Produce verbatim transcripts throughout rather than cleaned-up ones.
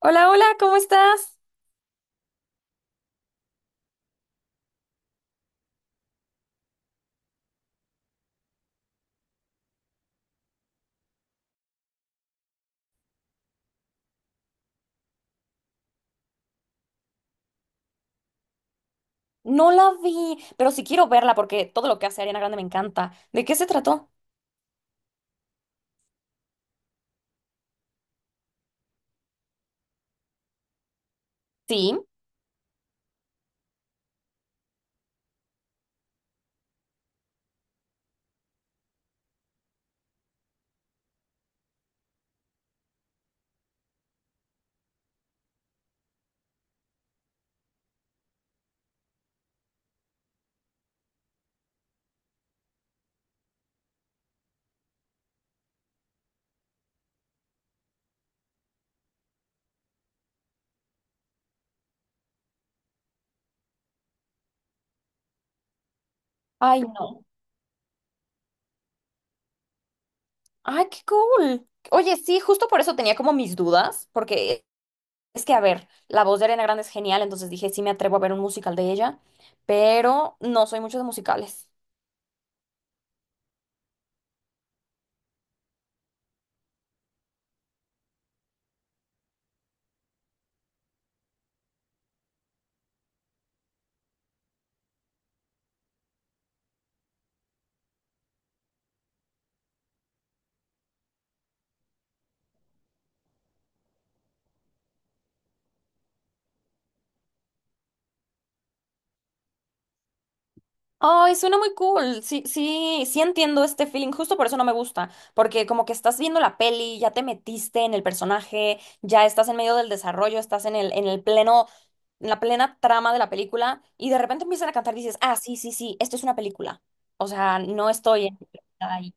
Hola, hola, ¿cómo estás? No la vi, pero sí quiero verla porque todo lo que hace Ariana Grande me encanta. ¿De qué se trató? Sí. Ay, no. Ay, qué cool. Oye, sí, justo por eso tenía como mis dudas, porque es que, a ver, la voz de Ariana Grande es genial, entonces dije, sí me atrevo a ver un musical de ella, pero no soy mucho de musicales. Ay, suena muy cool. Sí, sí, sí entiendo este feeling. Justo por eso no me gusta, porque como que estás viendo la peli, ya te metiste en el personaje, ya estás en medio del desarrollo, estás en el, en el pleno en la plena trama de la película y de repente empiezan a cantar y dices, ah, sí, sí, sí, esto es una película. O sea, no estoy en- ahí.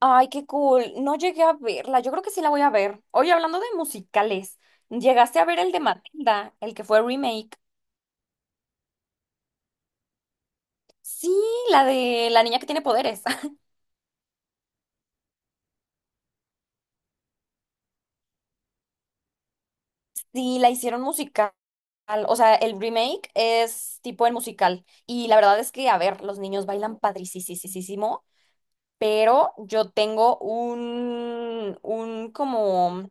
Ay, qué cool. No llegué a verla. Yo creo que sí la voy a ver. Oye, hablando de musicales, ¿llegaste a ver el de Matilda, el que fue remake? Sí, la de la niña que tiene poderes. Sí, la hicieron musical. O sea, el remake es tipo el musical. Y la verdad es que, a ver, los niños bailan padricísimo, pero yo tengo un, un como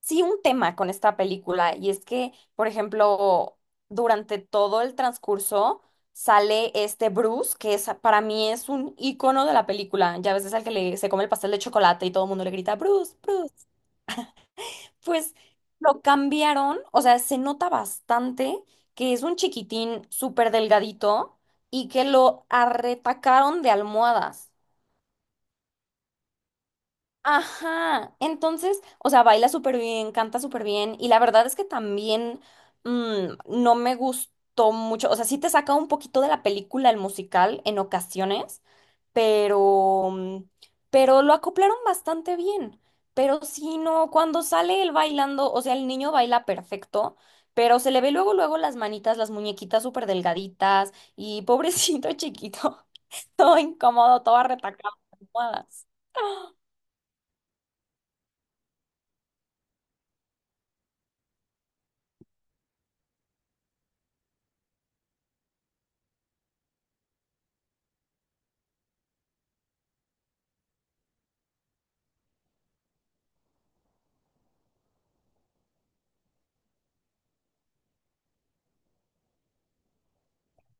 sí un tema con esta película y es que, por ejemplo, durante todo el transcurso sale este Bruce, que es, para mí es un icono de la película. Ya a veces al que le, se come el pastel de chocolate y todo el mundo le grita, Bruce, Bruce. Pues lo cambiaron, o sea, se nota bastante que es un chiquitín súper delgadito y que lo arretacaron de almohadas. Ajá, entonces, o sea, baila súper bien, canta súper bien y la verdad es que también mm, no me gustó mucho, o sea, sí te saca un poquito de la película el musical en ocasiones, pero, mm, pero lo acoplaron bastante bien, pero sí, no, cuando sale él bailando, o sea, el niño baila perfecto, pero se le ve luego, luego las manitas, las muñequitas súper delgaditas y pobrecito chiquito, todo incómodo, todo arretacado en almohadas.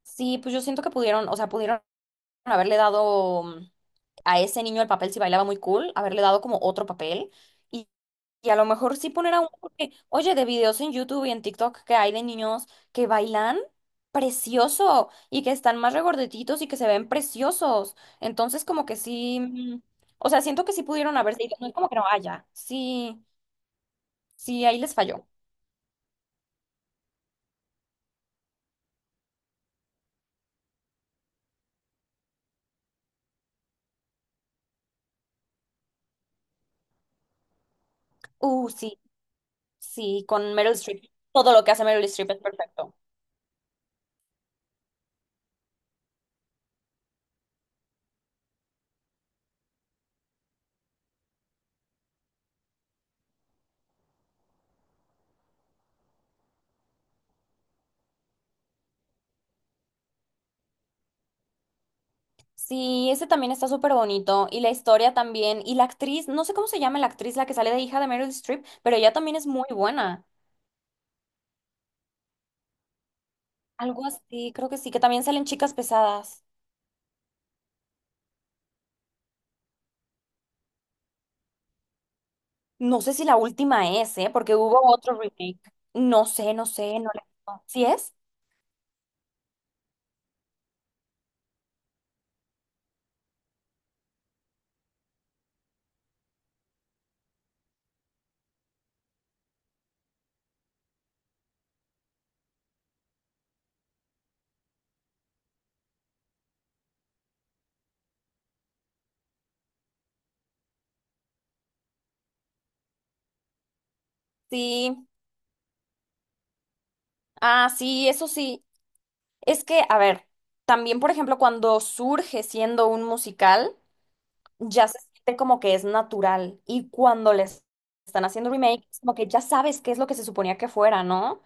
Sí, pues yo siento que pudieron, o sea, pudieron haberle dado mm, a ese niño el papel si bailaba muy cool, haberle dado como otro papel y, y a lo mejor sí poner a un, porque, oye, de videos en YouTube y en TikTok que hay de niños que bailan precioso y que están más regordetitos y que se ven preciosos. Entonces, como que sí, mm, o sea, siento que sí pudieron haberse ido, no es como que no haya, sí, sí, ahí les falló. Uh, sí, sí, con Meryl Streep. Todo lo que hace Meryl Streep es perfecto. Sí, ese también está súper bonito. Y la historia también. Y la actriz, no sé cómo se llama la actriz, la que sale de hija de Meryl Streep, pero ella también es muy buena. Algo así, creo que sí, que también salen chicas pesadas. No sé si la última es, ¿eh? Porque hubo otro remake. No sé, no sé, no la... ¿Sí es? Sí. Ah, sí, eso sí. Es que, a ver, también, por ejemplo, cuando surge siendo un musical. Ya se siente como que es natural. Y cuando les están haciendo remake, es como que ya sabes qué es lo que se suponía que fuera, ¿no?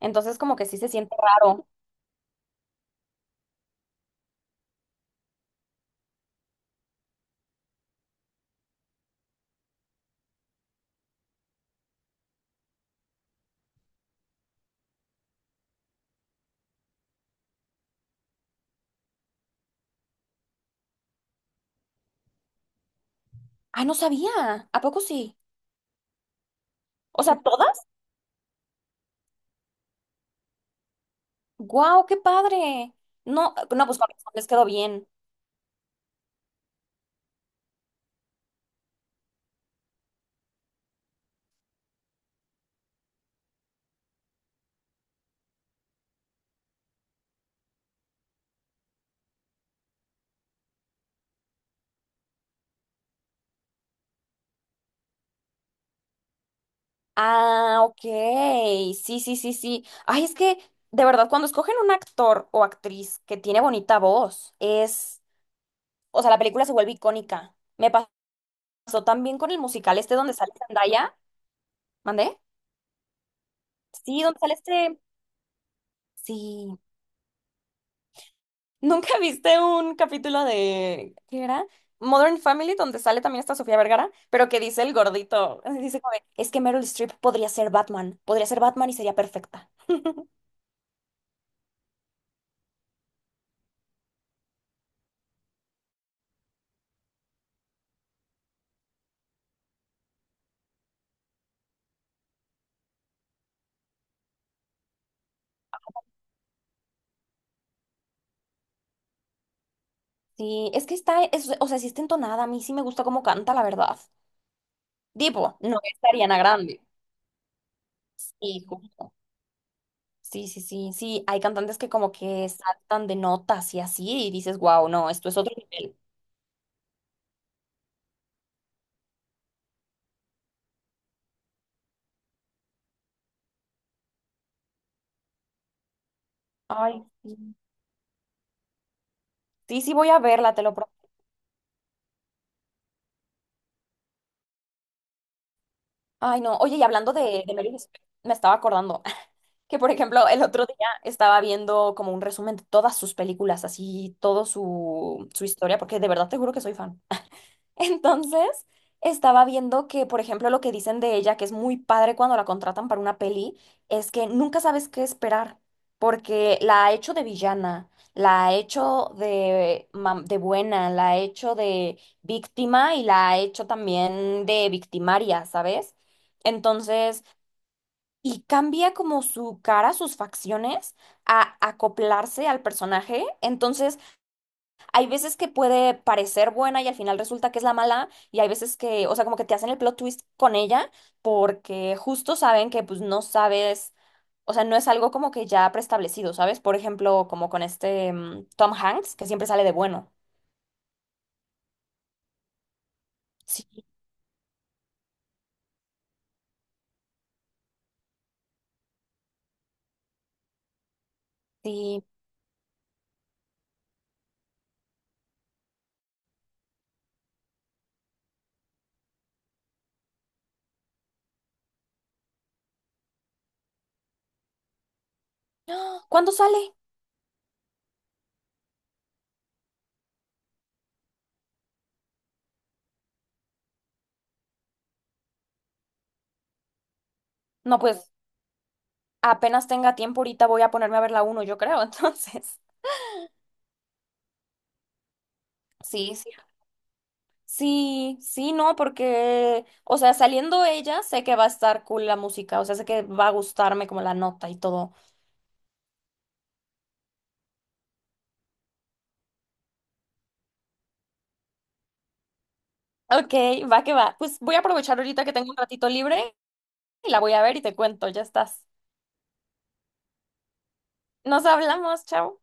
Entonces como que sí se siente raro. Ah, no sabía. ¿A poco sí? O sea, ¿todas? ¡Guau, qué padre! No, no, pues con razón les quedó bien. Ah, ok. Sí, sí, sí, sí. Ay, es que, de verdad, cuando escogen un actor o actriz que tiene bonita voz, es... O sea, la película se vuelve icónica. Me pasó también con el musical este donde sale Zendaya. ¿Mandé? Sí, ¿dónde sale este? Sí. ¿Nunca viste un capítulo de... ¿Qué era? Modern Family, donde sale también esta Sofía Vergara, pero que dice el gordito. Dice como, de, es que Meryl Streep podría ser Batman, podría ser Batman y sería perfecta. Sí, es que está, es- o sea, sí está entonada, a mí sí me gusta cómo canta, la verdad. Tipo, no es Ariana Grande. Sí, justo. Sí, sí, sí, sí, hay cantantes que como que saltan de notas y así, y dices, wow, no, esto es otro nivel. Ay, sí. Sí, sí, voy a verla, te lo prometo. Ay, no. Oye, y hablando de, de Meryl Streep, me estaba acordando que, por ejemplo, el otro día estaba viendo como un resumen de todas sus películas, así, todo su, su historia, porque de verdad te juro que soy fan. Entonces, estaba viendo que, por ejemplo, lo que dicen de ella, que es muy padre cuando la contratan para una peli, es que nunca sabes qué esperar, porque la ha hecho de villana, la ha hecho de, mam- de buena, la ha hecho de víctima y la ha hecho también de victimaria, ¿sabes? Entonces, y cambia como su cara, sus facciones, a acoplarse al personaje. Entonces, hay veces que puede parecer buena y al final resulta que es la mala, y hay veces que, o sea, como que te hacen el plot twist con ella porque justo saben que pues no sabes, o sea, no es algo como que ya preestablecido, ¿sabes? Por ejemplo, como con este mm, Tom Hanks, que siempre sale de bueno. Sí, sí. ¡Ah! ¿Cuándo sale? No, pues apenas tenga tiempo ahorita voy a ponerme a ver la uno, yo creo, entonces. Sí, sí. Sí, sí, no, porque, o sea, saliendo ella, sé que va a estar cool la música, o sea, sé que va a gustarme como la nota y todo. Ok, va que va. Pues voy a aprovechar ahorita que tengo un ratito libre y la voy a ver y te cuento, ya estás. Nos hablamos, chao.